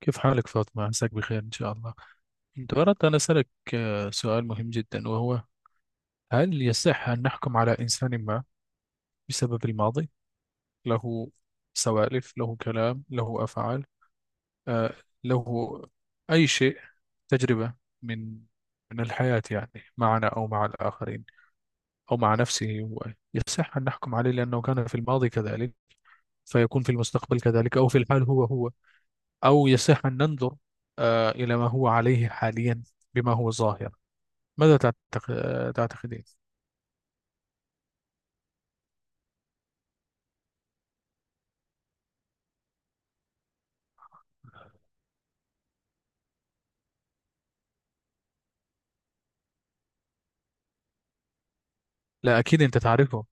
كيف حالك فاطمة؟ عساك بخير إن شاء الله. كنت أردت أن أسألك سؤال مهم جدا، وهو هل يصح أن نحكم على إنسان ما بسبب الماضي؟ له سوالف، له كلام، له أفعال، آه، له أي شيء، تجربة من من الحياة، يعني معنا أو مع الآخرين أو مع نفسه. هو يصح أن نحكم عليه لأنه كان في الماضي كذلك فيكون في المستقبل كذلك، أو في الحال هو هو؟ أو يصح أن ننظر إلى ما هو عليه حاليا بما هو ظاهر؟ ماذا تعتقدين؟ لا، أكيد أنت تعرفه.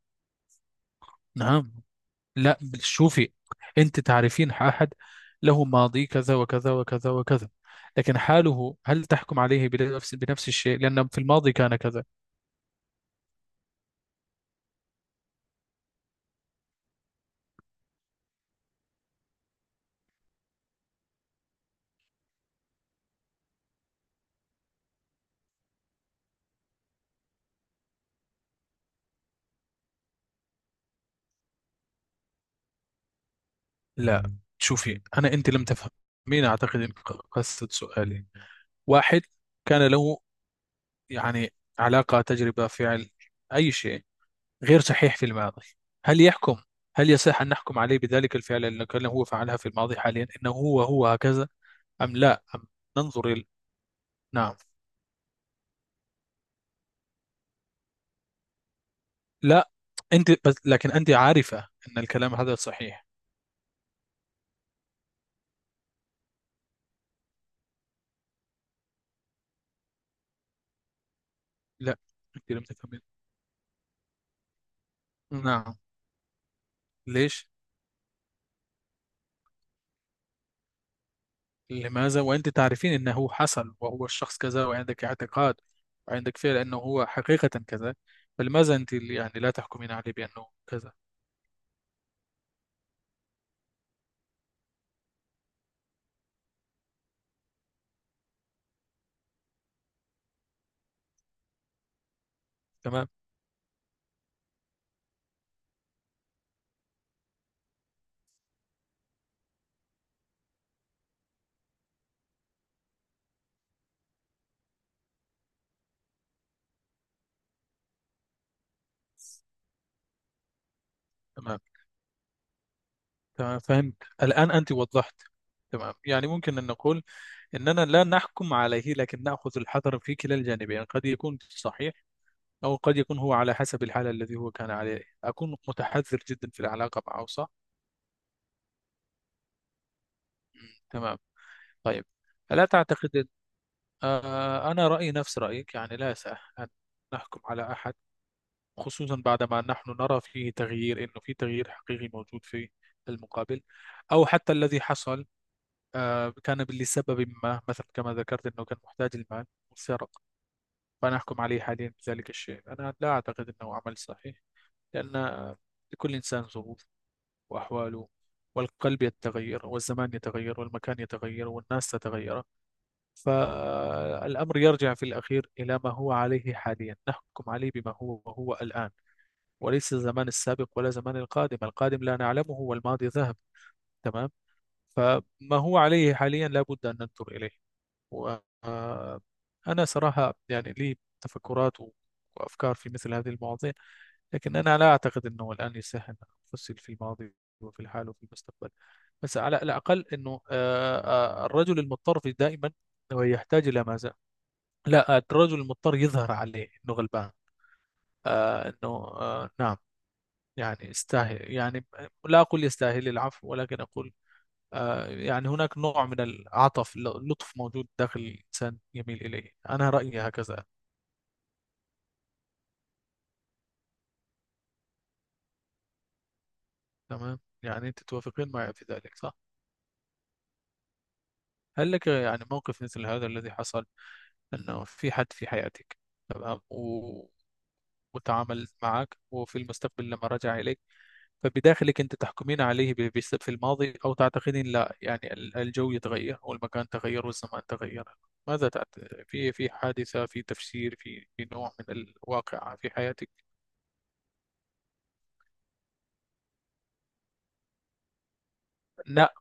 نعم. لا، شوفي، أنت تعرفين أحد له ماضي كذا وكذا وكذا وكذا، لكن حاله، هل تحكم عليه بنفس الشيء لأن في الماضي كان كذا؟ لا شوفي، أنا أنت لم تفهمين، أعتقد إن قصد سؤالي، واحد كان له يعني علاقة، تجربة، فعل، أي شيء غير صحيح في الماضي. هل يحكم، هل يصح أن نحكم عليه بذلك الفعل الذي كان هو فعلها في الماضي حاليا، إنه هو هو هكذا، أم لا، أم ننظر إلى؟ نعم. لا، أنت بس، لكن أنت عارفة أن الكلام هذا صحيح. لا، أنت لم تفهمين. نعم. ليش، لماذا، وأنت تعرفين أنه حصل وهو الشخص كذا، وعندك اعتقاد وعندك فعل أنه هو حقيقة كذا، فلماذا أنت يعني لا تحكمين عليه بأنه كذا؟ تمام. تمام. تمام، فهمت. الآن أنت وضحت. تمام، يعني ممكن أن نقول أننا لا نحكم عليه لكن نأخذ الحذر في كلا الجانبين، قد يكون صحيح، أو قد يكون هو على حسب الحالة الذي هو كان عليه، أكون متحذر جدا في العلاقة معه، صح؟ مم، تمام. طيب. ألا تعتقد؟ أنا رأيي نفس رأيك، يعني لا يسع أن نحكم على أحد، خصوصا بعدما نحن نرى فيه تغيير، إنه في تغيير حقيقي موجود في المقابل، أو حتى الذي حصل كان لسبب ما، مثلا كما ذكرت أنه كان محتاج المال وسرق. فأنا أحكم عليه حاليا بذلك الشيء، أنا لا أعتقد أنه عمل صحيح، لأن لكل إنسان ظروف وأحواله، والقلب يتغير والزمان يتغير والمكان يتغير والناس تتغير. فالأمر يرجع في الأخير إلى ما هو عليه حاليا، نحكم عليه بما هو وهو الآن، وليس الزمان السابق ولا زمان القادم، القادم لا نعلمه والماضي ذهب. تمام. فما هو عليه حاليا لا بد أن ننظر إليه. وأنا صراحة يعني لي تفكرات وأفكار في مثل هذه المواضيع، لكن أنا لا أعتقد أنه الآن يصح أن أفصل في الماضي وفي الحال وفي المستقبل. بس على الأقل أنه الرجل المضطر في دائما هو يحتاج إلى ماذا؟ لا، الرجل المضطر يظهر عليه أنه غلبان، أنه نعم، يعني استاهل يعني، لا أقول يستاهل العفو ولكن أقول يعني هناك نوع من العطف، اللطف موجود داخل الإنسان يميل إليه، أنا رأيي هكذا. تمام، يعني أنت توافقين معي في ذلك، صح؟ هل لك يعني موقف مثل هذا الذي حصل، أنه في حد في حياتك؟ تمام وتعامل معك وفي المستقبل لما رجع إليك، فبداخلك أنت تحكمين عليه بس في الماضي، أو تعتقدين لا يعني ال- الجو يتغير والمكان تغير والزمان تغير؟ ماذا في حادثة، في تفسير، في نوع من الواقع في حياتك؟ لا.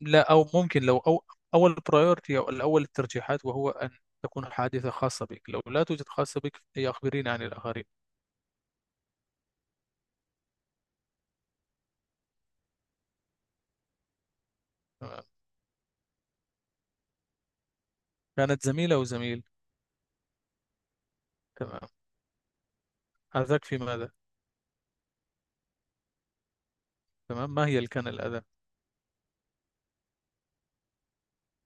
لا، أو ممكن لو أو أول برايورتي أو الأول الترجيحات، وهو أن تكون حادثة خاصة بك، لو لا توجد خاصة بك، هي أخبريني عن الآخرين. تمام. كانت زميلة أو زميل؟ تمام. أذاك في ماذا؟ تمام، ما هي اللي كان الأذى؟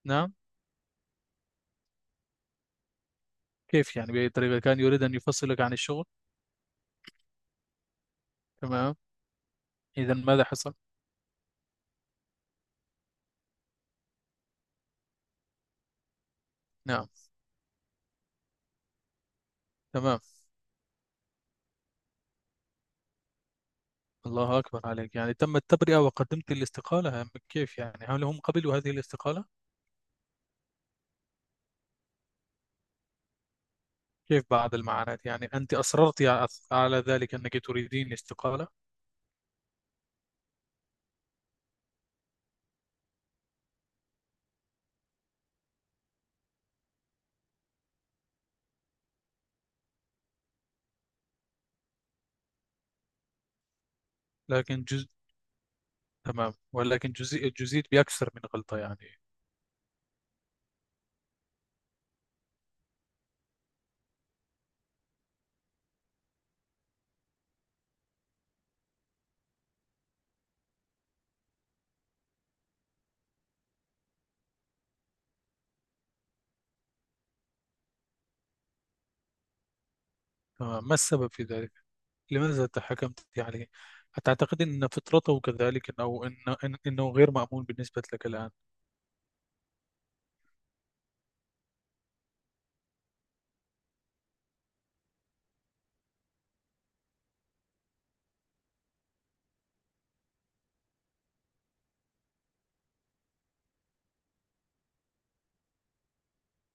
نعم. كيف يعني، بأي طريقة، كان يريد أن يفصلك عن الشغل؟ تمام. إذا ماذا حصل؟ نعم. تمام. الله أكبر عليك، يعني تم التبرئة وقدمت الاستقالة، كيف يعني، هل هم قبلوا هذه الاستقالة؟ كيف بعض المعاناة؟ يعني أنت أصررت على ذلك، أنك تريدين الاستقالة؟ لكن جزء؟ تمام، ولكن جزيء بأكثر من غلطة يعني. تمام، ما السبب في ذلك؟ لماذا تحكمت يعني؟ أتعتقد أن فطرته كذلك، إنه غير مأمون بالنسبة لك الآن؟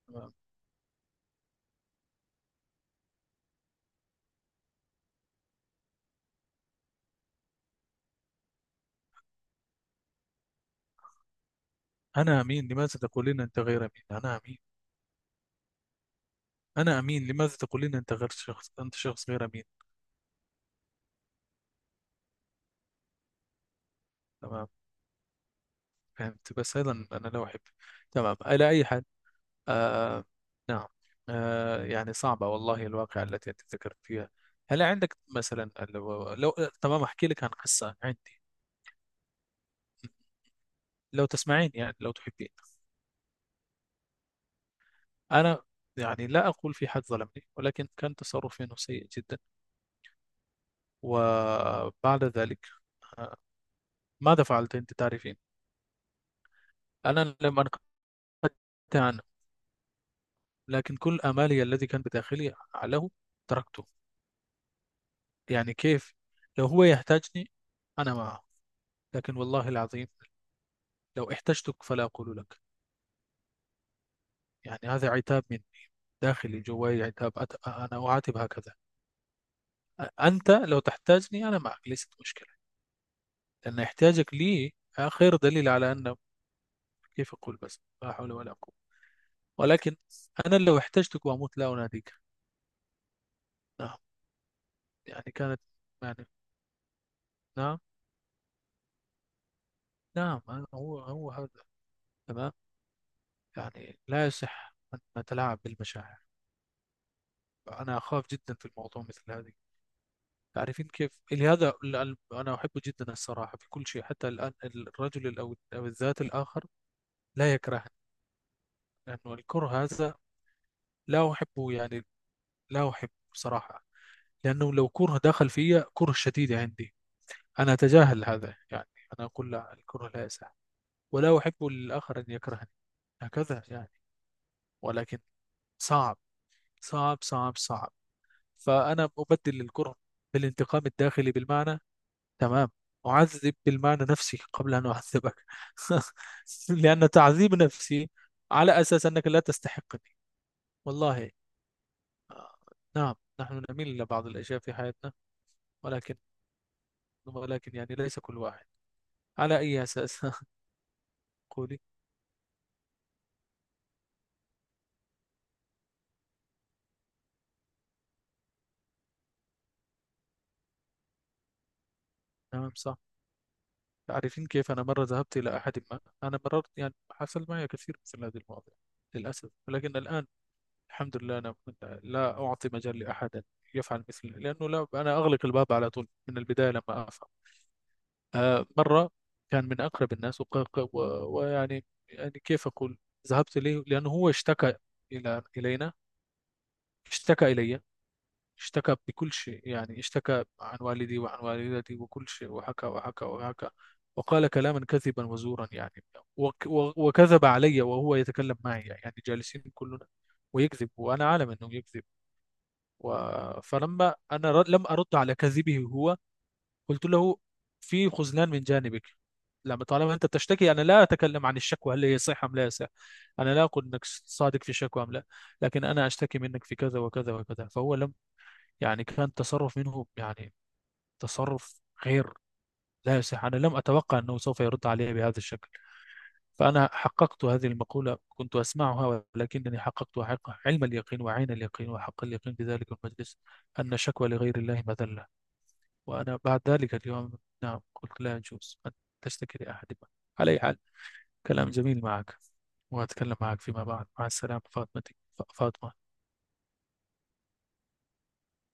تمام. أنا أمين، لماذا تقولين أنت غير أمين؟ أنا أمين. أنا أمين، لماذا تقولين أنت غير شخص، أنت شخص غير أمين؟ تمام، فهمت، بس هذا أنا لا أحب. تمام، على أي حال. آه نعم. يعني صعبة والله، الواقعة التي أنت ذكرت فيها. هل عندك مثلا لو؟ تمام، أحكي لك عن قصة عندي. لو تسمعين، يعني لو تحبين. أنا يعني لا أقول في حد ظلمني، ولكن كان تصرفي إنه سيء جدا. وبعد ذلك آه، ماذا فعلت؟ أنت تعرفين. أنا لم أنقطع عنه، لكن كل آمالي الذي كان بداخلي له تركته. يعني كيف، لو هو يحتاجني أنا معه، لكن والله العظيم لو احتجتك فلا أقول لك. يعني هذا عتاب مني داخلي جواي، عتاب أنا أعاتب هكذا. أنت لو تحتاجني أنا معك، ليست مشكلة، لأن احتياجك لي آخر دليل على أن، كيف أقول بس، لا حول ولا قوة. ولكن أنا لو احتجتك وأموت لا أناديك. نعم، يعني كانت. يعني. نعم. نعم، هو هو هذا. تمام. يعني لا يصح أن نتلاعب بالمشاعر، أنا أخاف جدا في الموضوع مثل هذه. تعرفين كيف؟ لهذا أنا أحب جدا الصراحة في كل شيء، حتى الآن الرجل ال- أو أو الذات الآخر لا يكرهني، لأنه الكره هذا لا أحبه يعني، لا أحبه صراحة. لأنه لو كره دخل فيا كره شديد عندي، أنا أتجاهل هذا يعني، أنا أقول لا الكره لا يسع، ولا أحب للآخر أن يكرهني، هكذا يعني. ولكن صعب، صعب صعب صعب. فأنا أبدل الكره بالانتقام الداخلي، بالمعنى. تمام. أعذب بالمعنى نفسي قبل أن أعذبك لأن تعذيب نفسي على أساس أنك لا تستحقني، والله. آه، نعم، نحن نميل إلى بعض الأشياء في حياتنا. ولكن، يعني ليس كل واحد على أي أساس قولي. تمام، صح. تعرفين كيف؟ أنا مرة ذهبت إلى أحد ما، أنا مررت يعني، حصل معي كثير مثل هذه المواضيع للأسف، ولكن الآن الحمد لله أنا لا أعطي مجال لأحد يفعل مثلي، لأنه لا، أنا أغلق الباب على طول من البداية لما أفهم. مرة كان من أقرب الناس ويعني كيف أقول. ذهبت إليه لأنه هو اشتكى إلى اشتكى إلي، اشتكى بكل شيء يعني، اشتكى عن والدي وعن والدتي وكل شيء، وحكى وحكى وحكى. وقال كلاما كذبا وزورا يعني، وكذب علي، وهو يتكلم معي يعني جالسين كلنا ويكذب، وانا عالم انه يكذب. و... فلما انا لم ارد على كذبه هو، قلت له: في خذلان من جانبك. لما طالما انت تشتكي، انا لا اتكلم عن الشكوى هل هي صحيحه ام لا، صح، انا لا اقول انك صادق في الشكوى ام لا، لكن انا اشتكي منك في كذا وكذا وكذا. فهو لم، يعني كان تصرف منه، يعني تصرف غير، لا يصح. أنا لم أتوقع أنه سوف يرد علي بهذا الشكل. فأنا حققت هذه المقولة، كنت أسمعها ولكنني حققت حق علم اليقين وعين اليقين وحق اليقين بذلك المجلس: أن شكوى لغير الله مذلة. وأنا بعد ذلك اليوم، نعم، قلت لا يجوز أن تشتكي لأحد ما. على أي حال، كلام جميل معك، وأتكلم معك فيما بعد، مع السلامة فاطمتي، فاطمة.